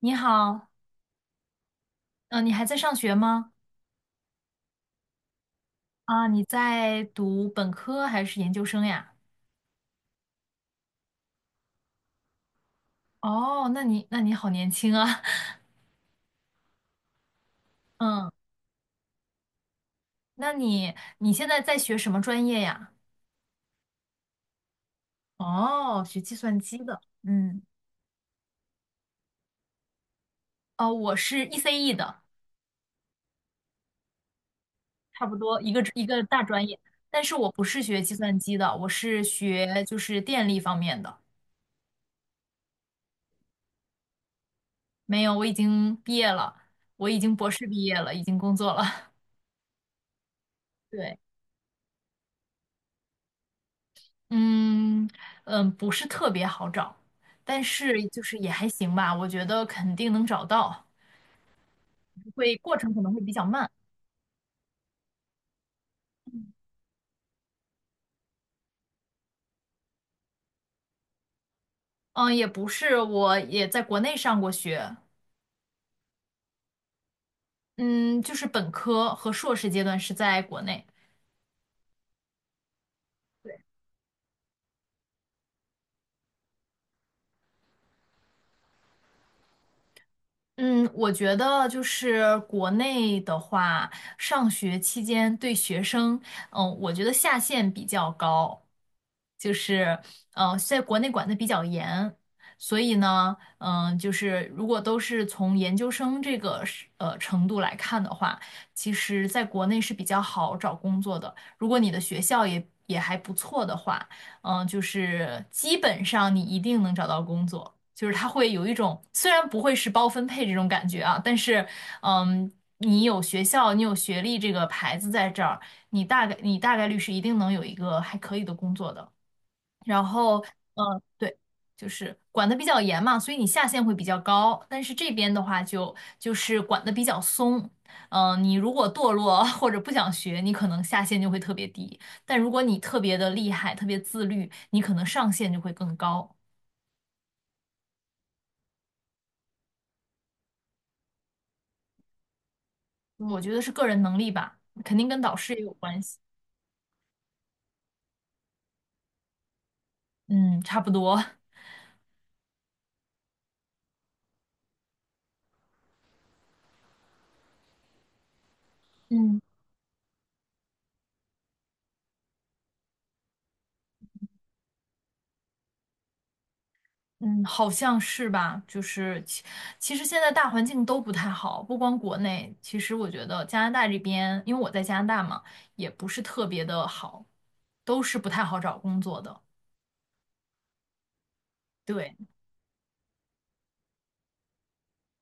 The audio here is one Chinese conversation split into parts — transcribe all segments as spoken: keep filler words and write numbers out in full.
你好。嗯、你还在上学吗？啊，你在读本科还是研究生呀？哦，那你那你好年轻啊，嗯，那你你现在在学什么专业呀？哦，学计算机的，嗯。哦，我是 E C E 的，差不多一个一个大专业，但是我不是学计算机的，我是学就是电力方面的。没有，我已经毕业了，我已经博士毕业了，已经工作了。对。嗯嗯，不是特别好找，但是就是也还行吧，我觉得肯定能找到，会过程可能会比较慢。嗯，也不是，我也在国内上过学。嗯，就是本科和硕士阶段是在国内。嗯，我觉得就是国内的话，上学期间对学生，嗯，我觉得下限比较高，就是呃，在国内管得比较严，所以呢，嗯，就是如果都是从研究生这个是呃程度来看的话，其实在国内是比较好找工作的。如果你的学校也也还不错的话，嗯、就是基本上你一定能找到工作，就是它会有一种虽然不会是包分配这种感觉啊，但是嗯，你有学校，你有学历这个牌子在这儿，你大概你大概率是一定能有一个还可以的工作的。然后，嗯，对，就是管得比较严嘛，所以你下限会比较高。但是这边的话就就是管得比较松，嗯、你如果堕落 或者不想学，你可能下限就会特别低；但如果你特别的厉害、特别自律，你可能上限就会更高。我觉得是个人能力吧，肯定跟导师也有关系。嗯，差不多。嗯。嗯，好像是吧，就是其其实现在大环境都不太好，不光国内，其实我觉得加拿大这边，因为我在加拿大嘛，也不是特别的好，都是不太好找工作的。对。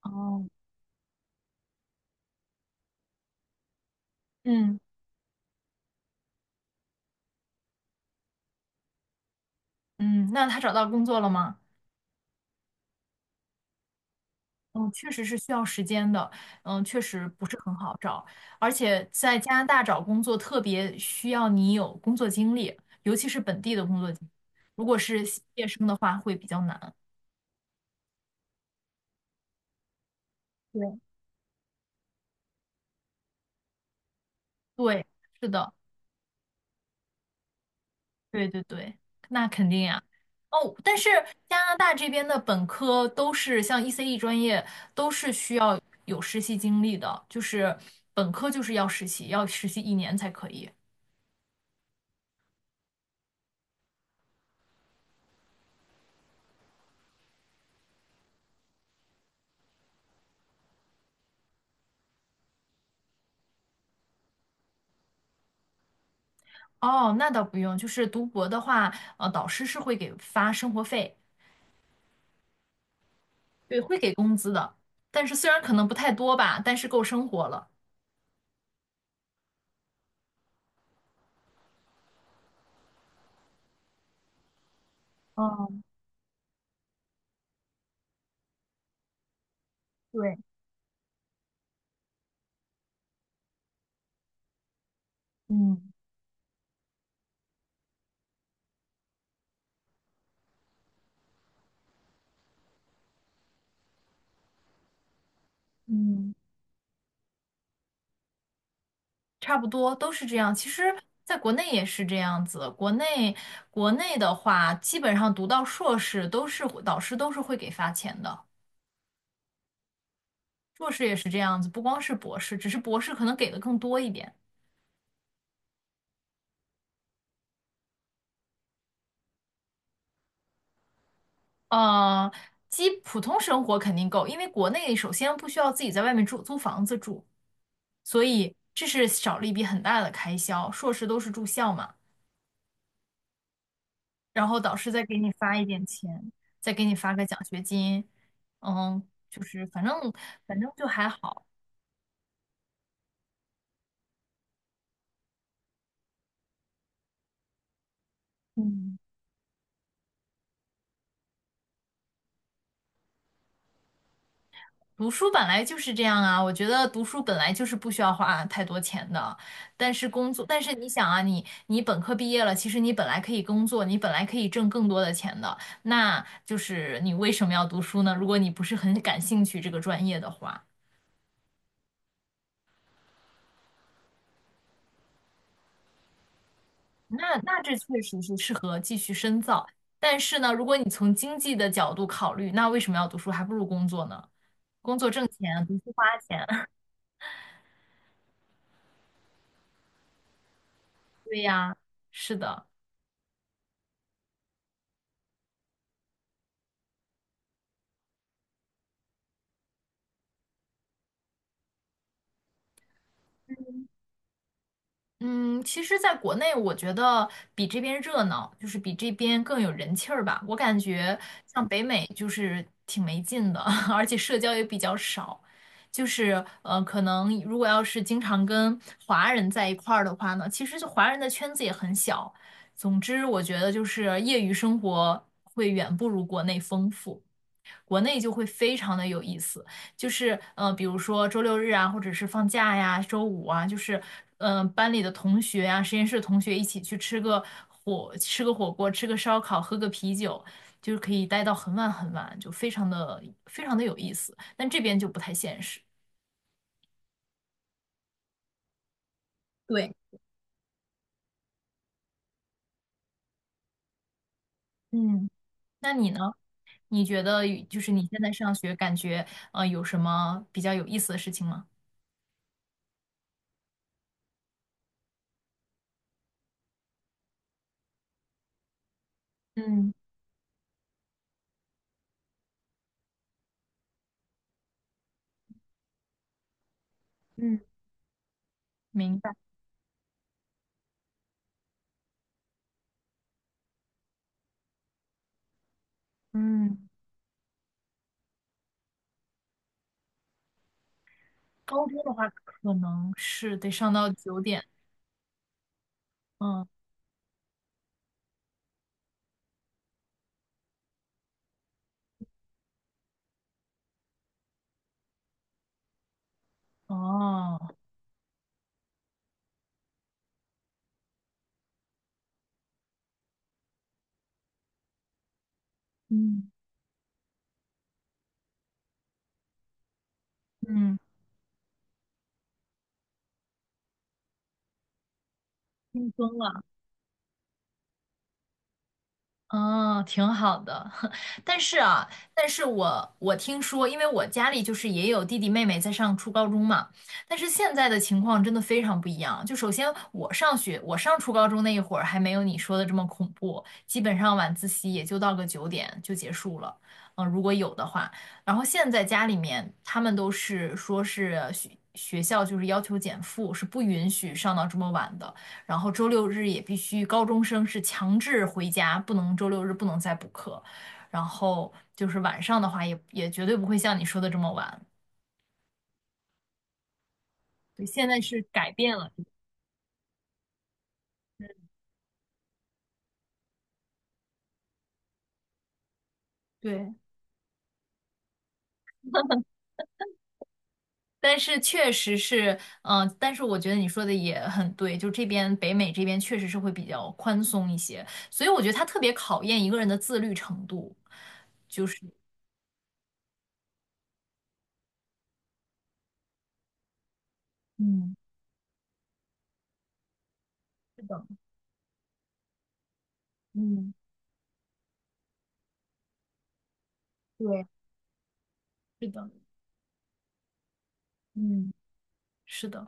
哦。嗯嗯，那他找到工作了吗？嗯，确实是需要时间的，嗯，确实不是很好找，而且在加拿大找工作特别需要你有工作经历，尤其是本地的工作经历，如果是毕业生的话会比较难。对。对，是的。对对对，那肯定呀。哦，但是加拿大这边的本科都是像 E C E 专业，都是需要有实习经历的，就是本科就是要实习，要实习一年才可以。哦，那倒不用，就是读博的话，呃，导师是会给发生活费。对，会给工资的，但是虽然可能不太多吧，但是够生活了。哦。对，嗯嗯。差不多都是这样。其实，在国内也是这样子。国内国内的话，基本上读到硕士都是导师都是会给发钱的，硕士也是这样子，不光是博士，只是博士可能给的更多一点。呃，基普通生活肯定够，因为国内首先不需要自己在外面住租房子住，所以这是少了一笔很大的开销。硕士都是住校嘛。然后导师再给你发一点钱，再给你发个奖学金，嗯，就是反正反正就还好。嗯，读书本来就是这样啊，我觉得读书本来就是不需要花太多钱的，但是工作，但是你想啊，你你本科毕业了，其实你本来可以工作，你本来可以挣更多的钱的，那就是你为什么要读书呢？如果你不是很感兴趣这个专业的话。那那这确实是适合继续深造，但是呢，如果你从经济的角度考虑，那为什么要读书？还不如工作呢，工作挣钱，读书花钱。对呀，是的。嗯，其实，在国内，我觉得比这边热闹，就是比这边更有人气儿吧。我感觉像北美就是挺没劲的，而且社交也比较少。就是呃，可能如果要是经常跟华人在一块儿的话呢，其实就华人的圈子也很小。总之，我觉得就是业余生活会远不如国内丰富。国内就会非常的有意思，就是呃，比如说周六日啊，或者是放假呀，周五啊，就是嗯、呃，班里的同学啊，实验室的同学一起去吃个火，吃个火锅，吃个烧烤，喝个啤酒，就是可以待到很晚很晚，就非常的非常的有意思。但这边就不太现实。对。嗯，那你呢？你觉得就是你现在上学，感觉呃有什么比较有意思的事情吗？嗯嗯，明白。嗯。高中的话，可能是得上到九点。嗯。哦。嗯。嗯，轻松了。哦，挺好的，但是啊，但是我我听说，因为我家里就是也有弟弟妹妹在上初高中嘛，但是现在的情况真的非常不一样。就首先我上学，我上初高中那一会儿还没有你说的这么恐怖，基本上晚自习也就到个九点就结束了，嗯、如果有的话。然后现在家里面他们都是说是学学校就是要求减负，是不允许上到这么晚的。然后周六日也必须高中生是强制回家，不能周六日不能再补课。然后就是晚上的话也，也绝对不会像你说的这么晚。对，现在是改变了。对。但是确实是，嗯、但是我觉得你说的也很对，就这边北美这边确实是会比较宽松一些，所以我觉得它特别考验一个人的自律程度。嗯，是的。嗯，对，是的。嗯，是的。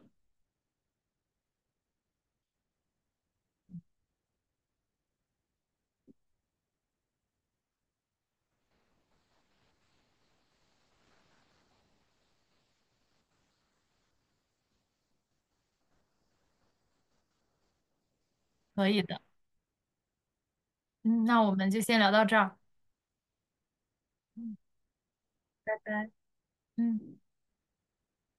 可以的。嗯，那我们就先聊到这儿。嗯，拜拜。嗯，